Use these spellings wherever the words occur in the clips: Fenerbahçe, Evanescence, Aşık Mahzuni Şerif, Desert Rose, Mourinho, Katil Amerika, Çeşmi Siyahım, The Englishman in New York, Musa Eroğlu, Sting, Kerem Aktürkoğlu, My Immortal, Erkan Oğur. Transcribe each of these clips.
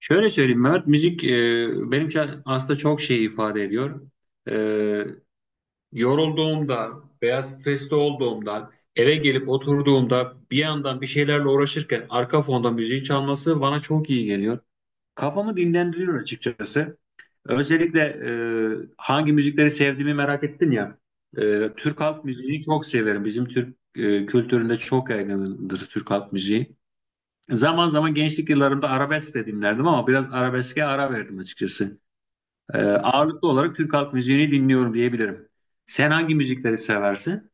Şöyle söyleyeyim Mehmet, müzik benim için aslında çok şey ifade ediyor. E, Yorulduğumda veya stresli olduğumda, eve gelip oturduğumda bir yandan bir şeylerle uğraşırken arka fonda müziği çalması bana çok iyi geliyor. Kafamı dinlendiriyor açıkçası. Özellikle hangi müzikleri sevdiğimi merak ettin ya. Türk halk müziğini çok severim. Bizim Türk kültüründe çok yaygındır Türk halk müziği. Zaman zaman gençlik yıllarımda arabesk de dinlerdim ama biraz arabeske ara verdim açıkçası. Ağırlıklı olarak Türk halk müziğini dinliyorum diyebilirim. Sen hangi müzikleri seversin?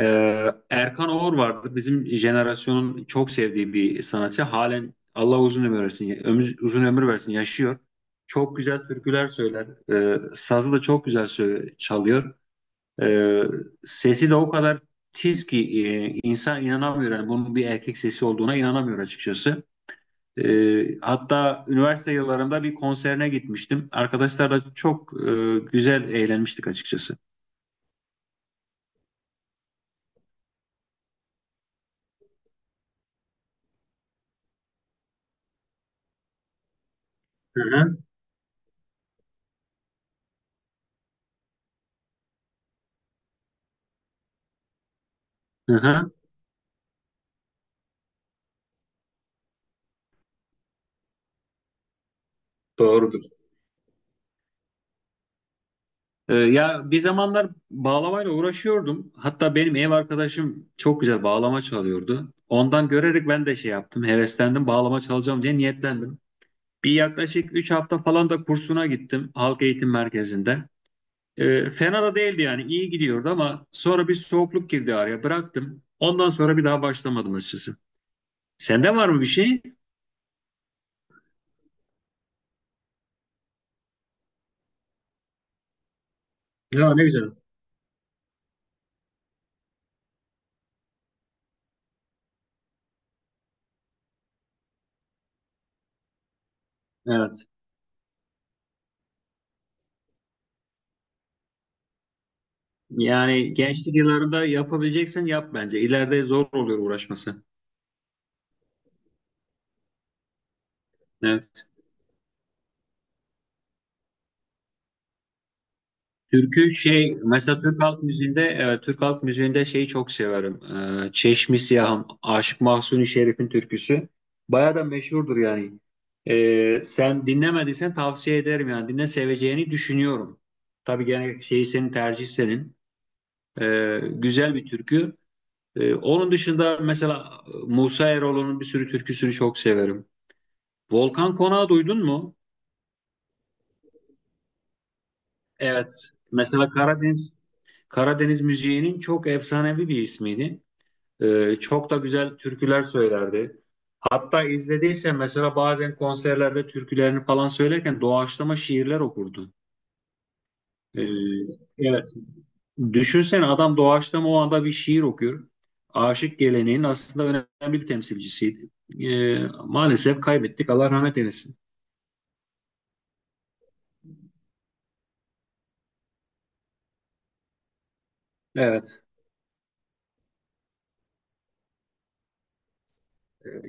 Erkan Oğur vardı. Bizim jenerasyonun çok sevdiği bir sanatçı. Halen Allah uzun ömür versin, uzun ömür versin, yaşıyor. Çok güzel türküler söyler. Sazı da çok güzel çalıyor. Ee, Sesi de o kadar tiz ki insan inanamıyor. Yani bunun bir erkek sesi olduğuna inanamıyor açıkçası. Hatta üniversite yıllarımda bir konserine gitmiştim. Arkadaşlarla çok güzel eğlenmiştik açıkçası. Hı hı, hı hı. Doğrudur. Ya bir zamanlar bağlamayla uğraşıyordum. Hatta benim ev arkadaşım çok güzel bağlama çalıyordu. Ondan görerek ben de şey yaptım, heveslendim, bağlama çalacağım diye niyetlendim. Bir yaklaşık 3 hafta falan da kursuna gittim halk eğitim merkezinde. Fena da değildi yani iyi gidiyordu ama sonra bir soğukluk girdi araya bıraktım. Ondan sonra bir daha başlamadım açıkçası. Sende var mı bir şey? Ya ne güzel. Evet. Yani gençlik yıllarında yapabileceksen yap bence. İleride zor oluyor uğraşması. Evet. Türkü şey mesela Türk halk müziğinde şeyi çok severim. Çeşmi Siyahım, Aşık Mahzuni Şerif'in türküsü. Bayağı da meşhurdur yani. Sen dinlemediysen tavsiye ederim yani. Dinle seveceğini düşünüyorum. Tabii gene şeyi senin tercih senin. Güzel bir türkü. Onun dışında mesela Musa Eroğlu'nun bir sürü türküsünü çok severim. Volkan Konak'ı duydun mu? Evet. Mesela Karadeniz Karadeniz müziğinin çok efsanevi bir ismiydi. Çok da güzel türküler söylerdi. Hatta izlediysen mesela bazen konserlerde türkülerini falan söylerken doğaçlama şiirler okurdu. Ee, evet. Düşünsene adam doğaçlama o anda bir şiir okuyor. Aşık geleneğin aslında önemli bir temsilcisiydi. Ee, Maalesef kaybettik. Allah rahmet eylesin. Evet.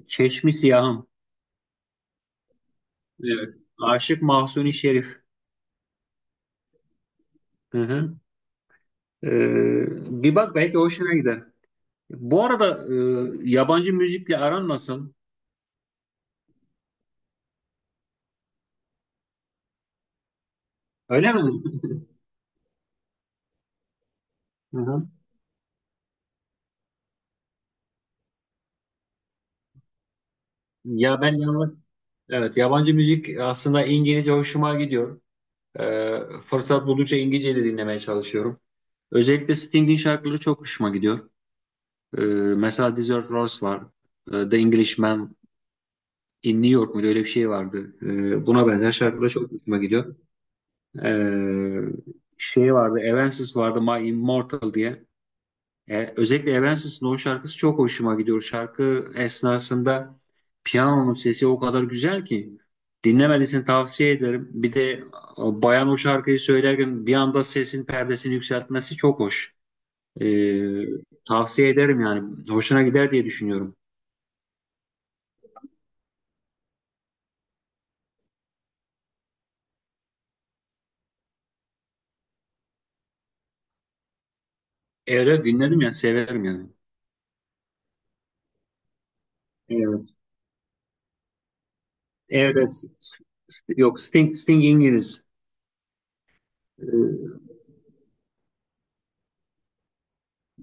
Çeşmi Siyahım. Evet. Aşık Mahsuni Şerif. Hı hı. Bir bak belki hoşuna gider. Bu arada yabancı müzikle aran nasıl? Öyle mi? Hı hı. Ya ben yalnız evet yabancı müzik aslında İngilizce hoşuma gidiyor. Ee, Fırsat buldukça İngilizce de dinlemeye çalışıyorum. Özellikle Sting'in şarkıları çok hoşuma gidiyor. Ee, Mesela Desert Rose var. The Englishman in New York muydu? Öyle bir şey vardı. Buna benzer şarkılar çok hoşuma gidiyor. Ee, Şey vardı. Evanescence vardı. My Immortal diye. Özellikle Evanescence'ın o şarkısı çok hoşuma gidiyor. Şarkı esnasında piyanonun sesi o kadar güzel ki dinlemelisin tavsiye ederim. Bir de bayan o şarkıyı söylerken bir anda sesin perdesini yükseltmesi çok hoş. E, Tavsiye ederim yani. Hoşuna gider diye düşünüyorum. Evet evet, dinledim ya severim yani. Evet. Evet. Yok Sting, Sting İngiliz. E,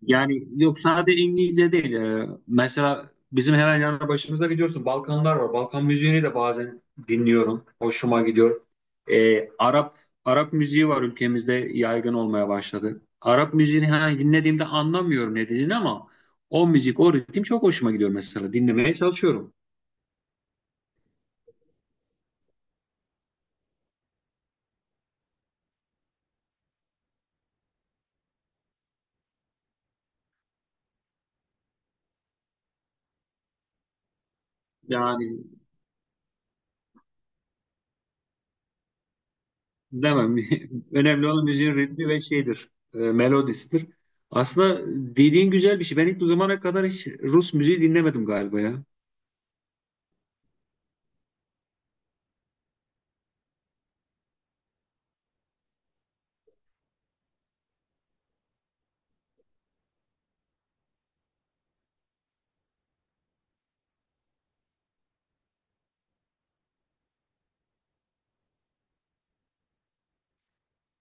Yani yok sadece İngilizce değil. Mesela bizim hemen yanı başımızda biliyorsun Balkanlar var. Balkan müziğini de bazen dinliyorum. Hoşuma gidiyor. Ee, Arap Arap müziği var ülkemizde yaygın olmaya başladı. Arap müziğini hani dinlediğimde anlamıyorum ne dediğini ama o müzik, o ritim çok hoşuma gidiyor mesela. Dinlemeye çalışıyorum. Yani demem. Önemli olan müziğin ritmi ve şeydir. Melodisidir. Aslında dediğin güzel bir şey. Ben hiç bu zamana kadar hiç Rus müziği dinlemedim galiba ya.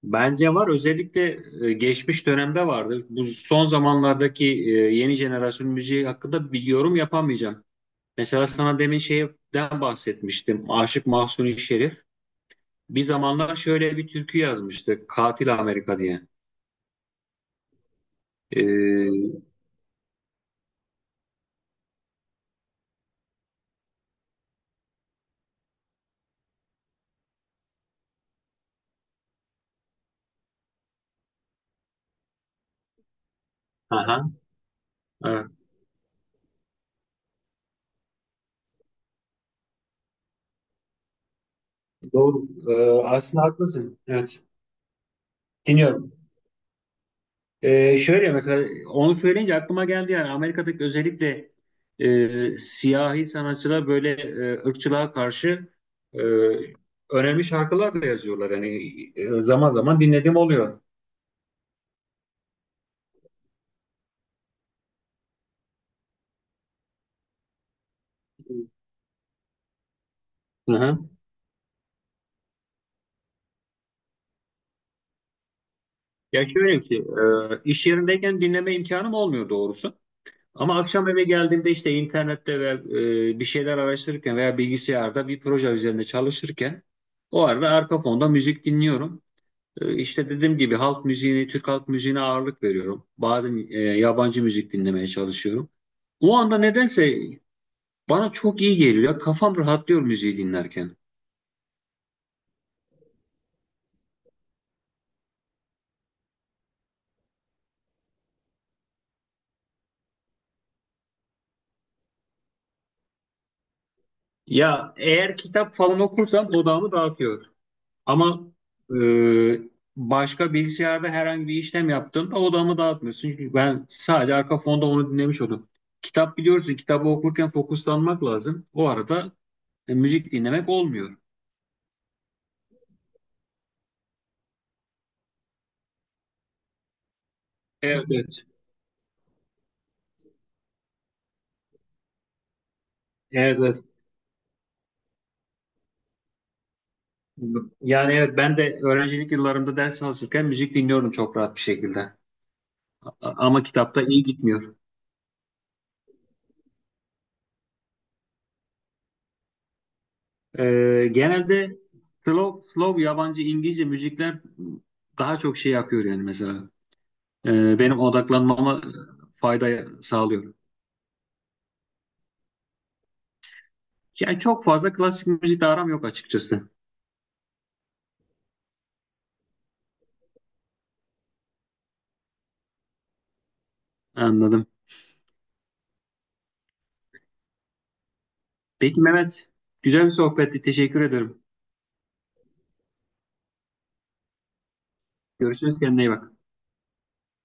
Bence var. Özellikle geçmiş dönemde vardı. Bu son zamanlardaki yeni jenerasyon müziği hakkında bir yorum yapamayacağım. Mesela sana demin şeyden bahsetmiştim. Aşık Mahsuni Şerif. Bir zamanlar şöyle bir türkü yazmıştı. Katil Amerika diye. E, aha, evet. Doğru. Aslında haklısın. Evet. Dinliyorum. Şöyle mesela onu söyleyince aklıma geldi yani Amerika'daki özellikle siyahi sanatçılar böyle ırkçılığa karşı e, önemli şarkılar da yazıyorlar. Yani zaman zaman dinlediğim oluyor. Hı hı. Ya şöyle ki iş yerindeyken dinleme imkanım olmuyor doğrusu. Ama akşam eve geldiğimde işte internette ve bir şeyler araştırırken veya bilgisayarda bir proje üzerinde çalışırken o arada arka fonda müzik dinliyorum. İşte dediğim gibi halk müziğini, Türk halk müziğine ağırlık veriyorum. Bazen yabancı müzik dinlemeye çalışıyorum. O anda nedense bana çok iyi geliyor. Kafam rahatlıyor müziği dinlerken. Ya eğer kitap falan okursam odağımı dağıtıyor. Ama e, başka bilgisayarda herhangi bir işlem yaptığımda odağımı dağıtmıyor. Çünkü ben sadece arka fonda onu dinlemiş oldum. Kitap biliyorsun, kitabı okurken fokuslanmak lazım. O arada müzik dinlemek olmuyor. Evet, evet. Evet, evet. Yani evet ben de öğrencilik yıllarımda ders çalışırken müzik dinliyorum çok rahat bir şekilde. Ama kitapta iyi gitmiyor. Genelde slow yabancı İngilizce müzikler daha çok şey yapıyor yani mesela. Benim odaklanmama fayda sağlıyor. Yani çok fazla klasik müzikle aram yok açıkçası. Anladım. Peki Mehmet, güzel bir sohbetti. Teşekkür ederim. Görüşürüz. Kendine iyi bak.